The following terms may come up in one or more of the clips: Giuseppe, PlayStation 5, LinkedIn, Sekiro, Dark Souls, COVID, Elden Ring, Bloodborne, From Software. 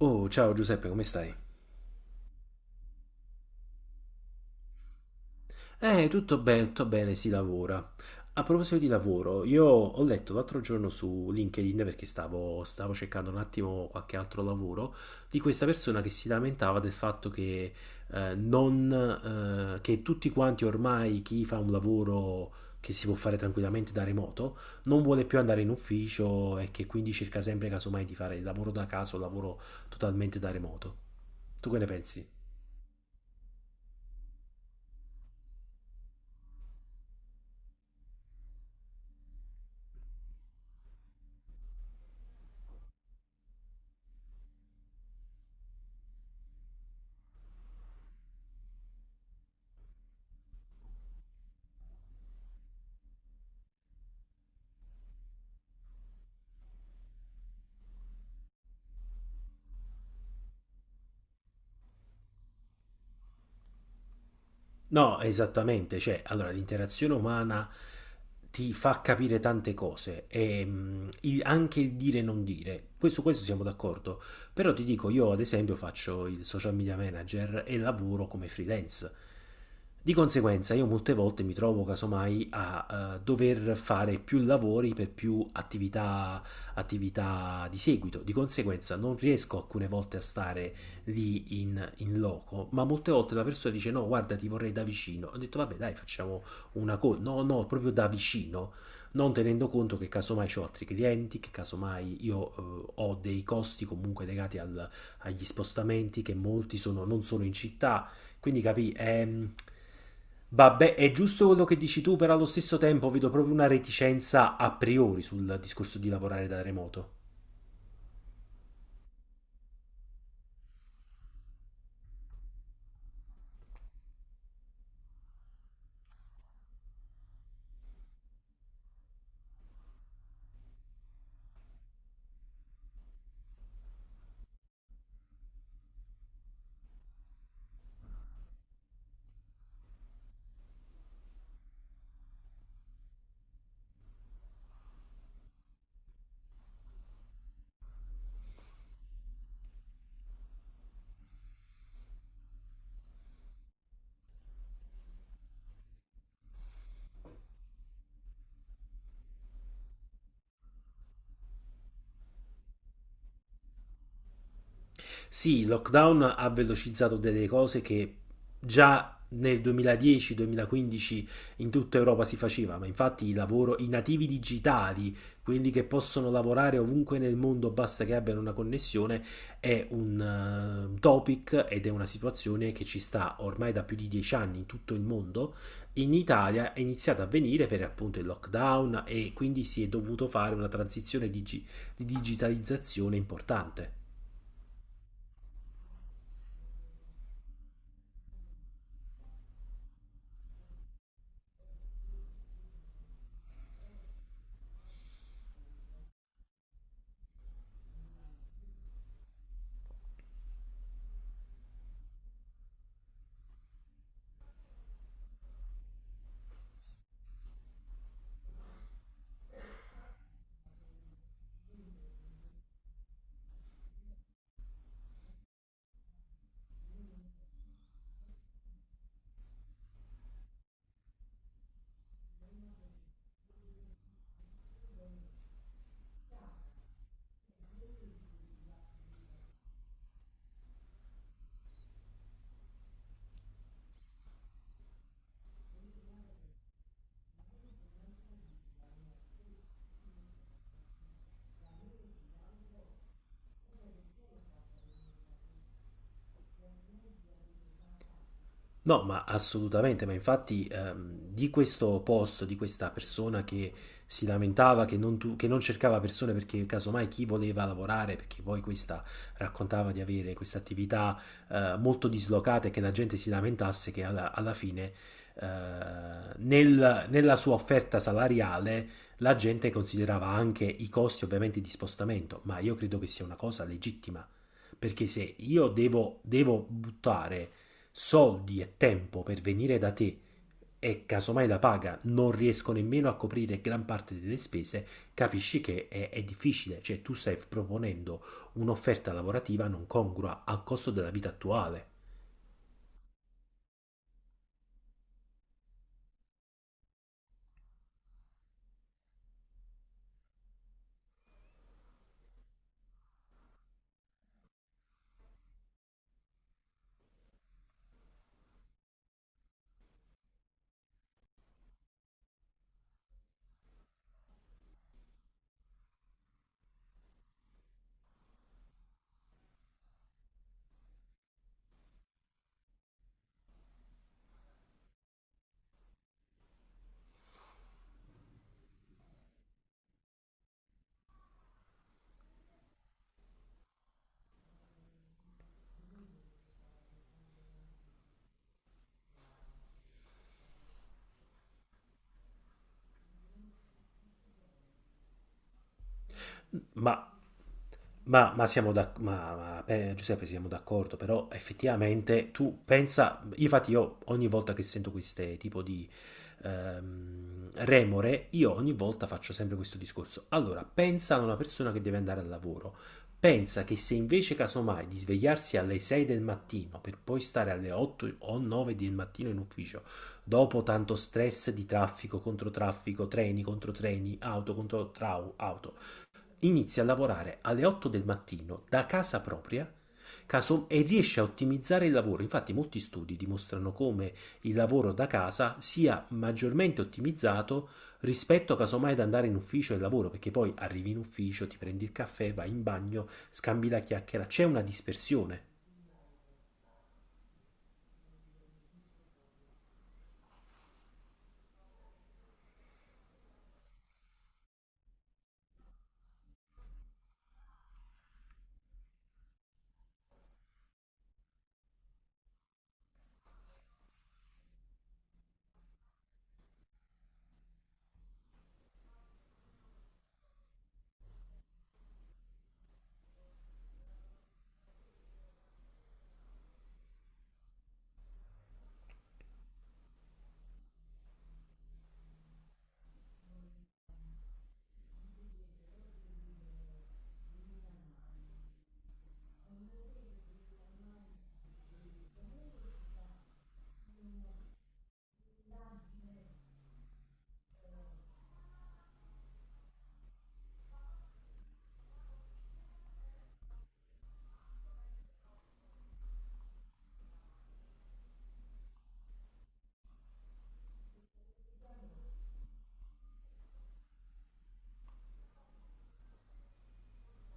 Oh, ciao Giuseppe, come stai? Tutto bene, tutto bene, si lavora. A proposito di lavoro, io ho letto l'altro giorno su LinkedIn perché stavo cercando un attimo qualche altro lavoro di questa persona che si lamentava del fatto che, non, che tutti quanti ormai chi fa un lavoro che si può fare tranquillamente da remoto non vuole più andare in ufficio e che quindi cerca sempre casomai di fare il lavoro da casa o lavoro totalmente da remoto. Tu che ne pensi? No, esattamente, cioè, allora l'interazione umana ti fa capire tante cose, e, il- anche il dire e non dire, questo siamo d'accordo, però ti dico, io ad esempio faccio il social media manager e lavoro come freelance, di conseguenza io molte volte mi trovo casomai a dover fare più lavori per più attività, attività di seguito, di conseguenza non riesco alcune volte a stare lì in loco, ma molte volte la persona dice no, guarda, ti vorrei da vicino. Ho detto, vabbè, dai, facciamo una cosa. No, no, proprio da vicino, non tenendo conto che casomai ho altri clienti, che casomai io ho dei costi comunque legati al- agli spostamenti, che molti sono, non sono in città. Quindi capì. Vabbè, è giusto quello che dici tu, però allo stesso tempo vedo proprio una reticenza a priori sul discorso di lavorare da remoto. Sì, il lockdown ha velocizzato delle cose che già nel 2010-2015 in tutta Europa si faceva, ma infatti i lavoro- i nativi digitali, quelli che possono lavorare ovunque nel mondo, basta che abbiano una connessione, è un topic ed è una situazione che ci sta ormai da più di 10 anni in tutto il mondo. In Italia è iniziata a venire per appunto il lockdown e quindi si è dovuto fare una transizione digi- di digitalizzazione importante. No, ma assolutamente, ma infatti di questo posto, di questa persona che si lamentava che non, tu- che non cercava persone perché casomai chi voleva lavorare, perché poi questa raccontava di avere questa attività molto dislocata e che la gente si lamentasse che alla, alla fine eh, nel- nella sua offerta salariale la gente considerava anche i costi ovviamente di spostamento, ma io credo che sia una cosa legittima, perché se io devo buttare soldi e tempo per venire da te e casomai la paga non riesco nemmeno a coprire gran parte delle spese, capisci che è difficile, cioè tu stai proponendo un'offerta lavorativa non congrua al costo della vita attuale. Ma ma siamo Giuseppe, siamo d'accordo, però effettivamente tu pensa, infatti io ogni volta che sento queste tipo di remore, io ogni volta faccio sempre questo discorso. Allora, pensa ad una persona che deve andare al lavoro, pensa che se invece casomai di svegliarsi alle 6 del mattino per poi stare alle 8 o 9 del mattino in ufficio, dopo tanto stress di traffico contro traffico, treni contro treni, auto contro trau- auto, inizia a lavorare alle 8 del mattino da casa propria caso- e riesce a ottimizzare il lavoro. Infatti molti studi dimostrano come il lavoro da casa sia maggiormente ottimizzato rispetto casomai ad andare in ufficio e lavoro, perché poi arrivi in ufficio, ti prendi il caffè, vai in bagno, scambi la chiacchiera, c'è una dispersione.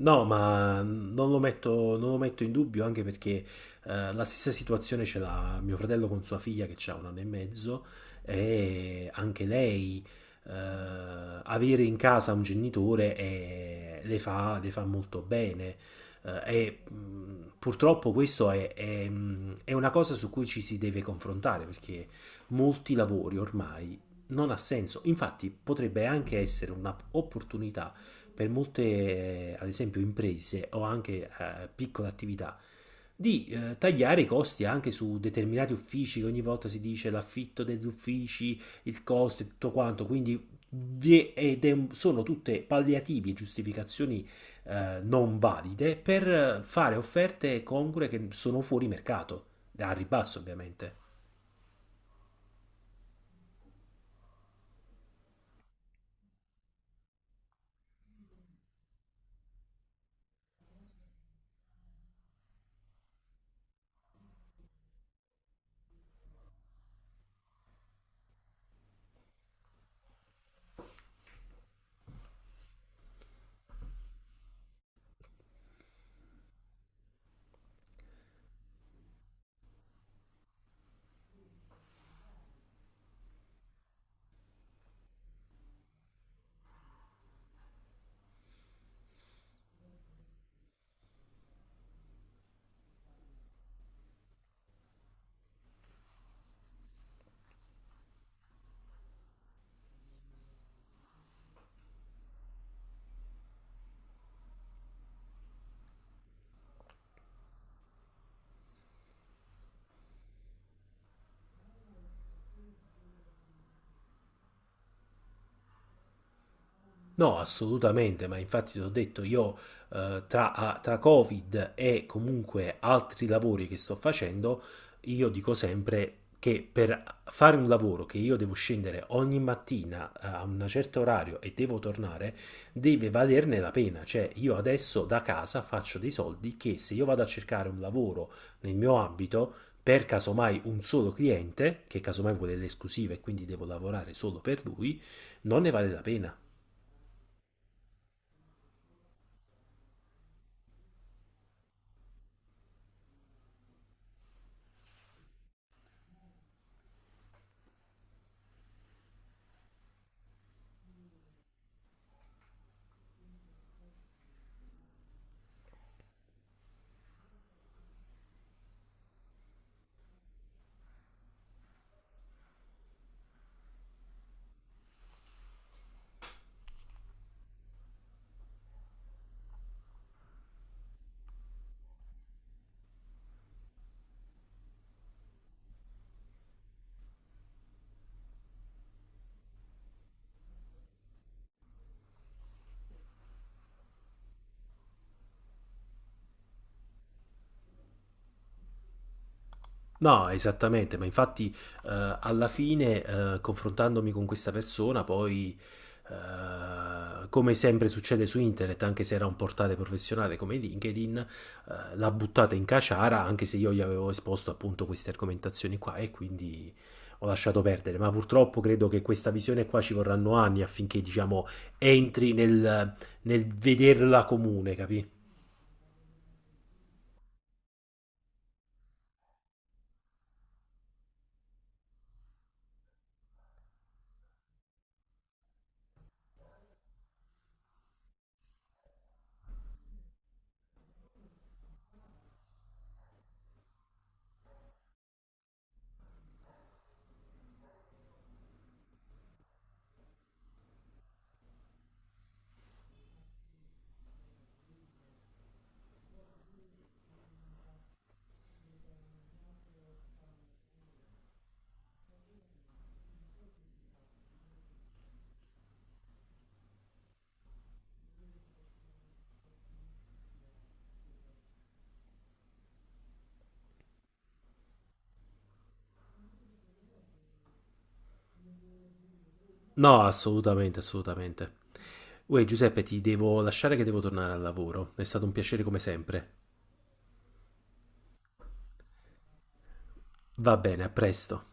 No, ma non lo metto in dubbio anche perché la stessa situazione ce l'ha mio fratello con sua figlia che ha 1 anno e mezzo e anche lei avere in casa un genitore le fa molto bene. Purtroppo questo è una cosa su cui ci si deve confrontare perché molti lavori ormai non ha senso. Infatti potrebbe anche essere un'opportunità per molte, ad esempio, imprese o anche piccole attività, di tagliare i costi anche su determinati uffici, che ogni volta si dice l'affitto degli uffici, il costo e tutto quanto, quindi sono tutte palliativi e giustificazioni non valide per fare offerte congrue che sono fuori mercato, al ribasso ovviamente. No, assolutamente, ma infatti ti ho detto io tra Covid e comunque altri lavori che sto facendo, io dico sempre che per fare un lavoro che io devo scendere ogni mattina a un certo orario e devo tornare, deve valerne la pena. Cioè, io adesso da casa faccio dei soldi che se io vado a cercare un lavoro nel mio ambito, per casomai un solo cliente, che casomai vuole le esclusive e quindi devo lavorare solo per lui, non ne vale la pena. No, esattamente, ma infatti alla fine, confrontandomi con questa persona, poi, come sempre succede su internet, anche se era un portale professionale come LinkedIn, l'ha buttata in caciara, anche se io gli avevo esposto appunto queste argomentazioni qua e quindi ho lasciato perdere. Ma purtroppo credo che questa visione qua ci vorranno anni affinché, diciamo, entri nel, nel vederla comune, capì? No, assolutamente, assolutamente. Uè, Giuseppe, ti devo lasciare che devo tornare al lavoro. È stato un piacere come sempre. Va bene, a presto.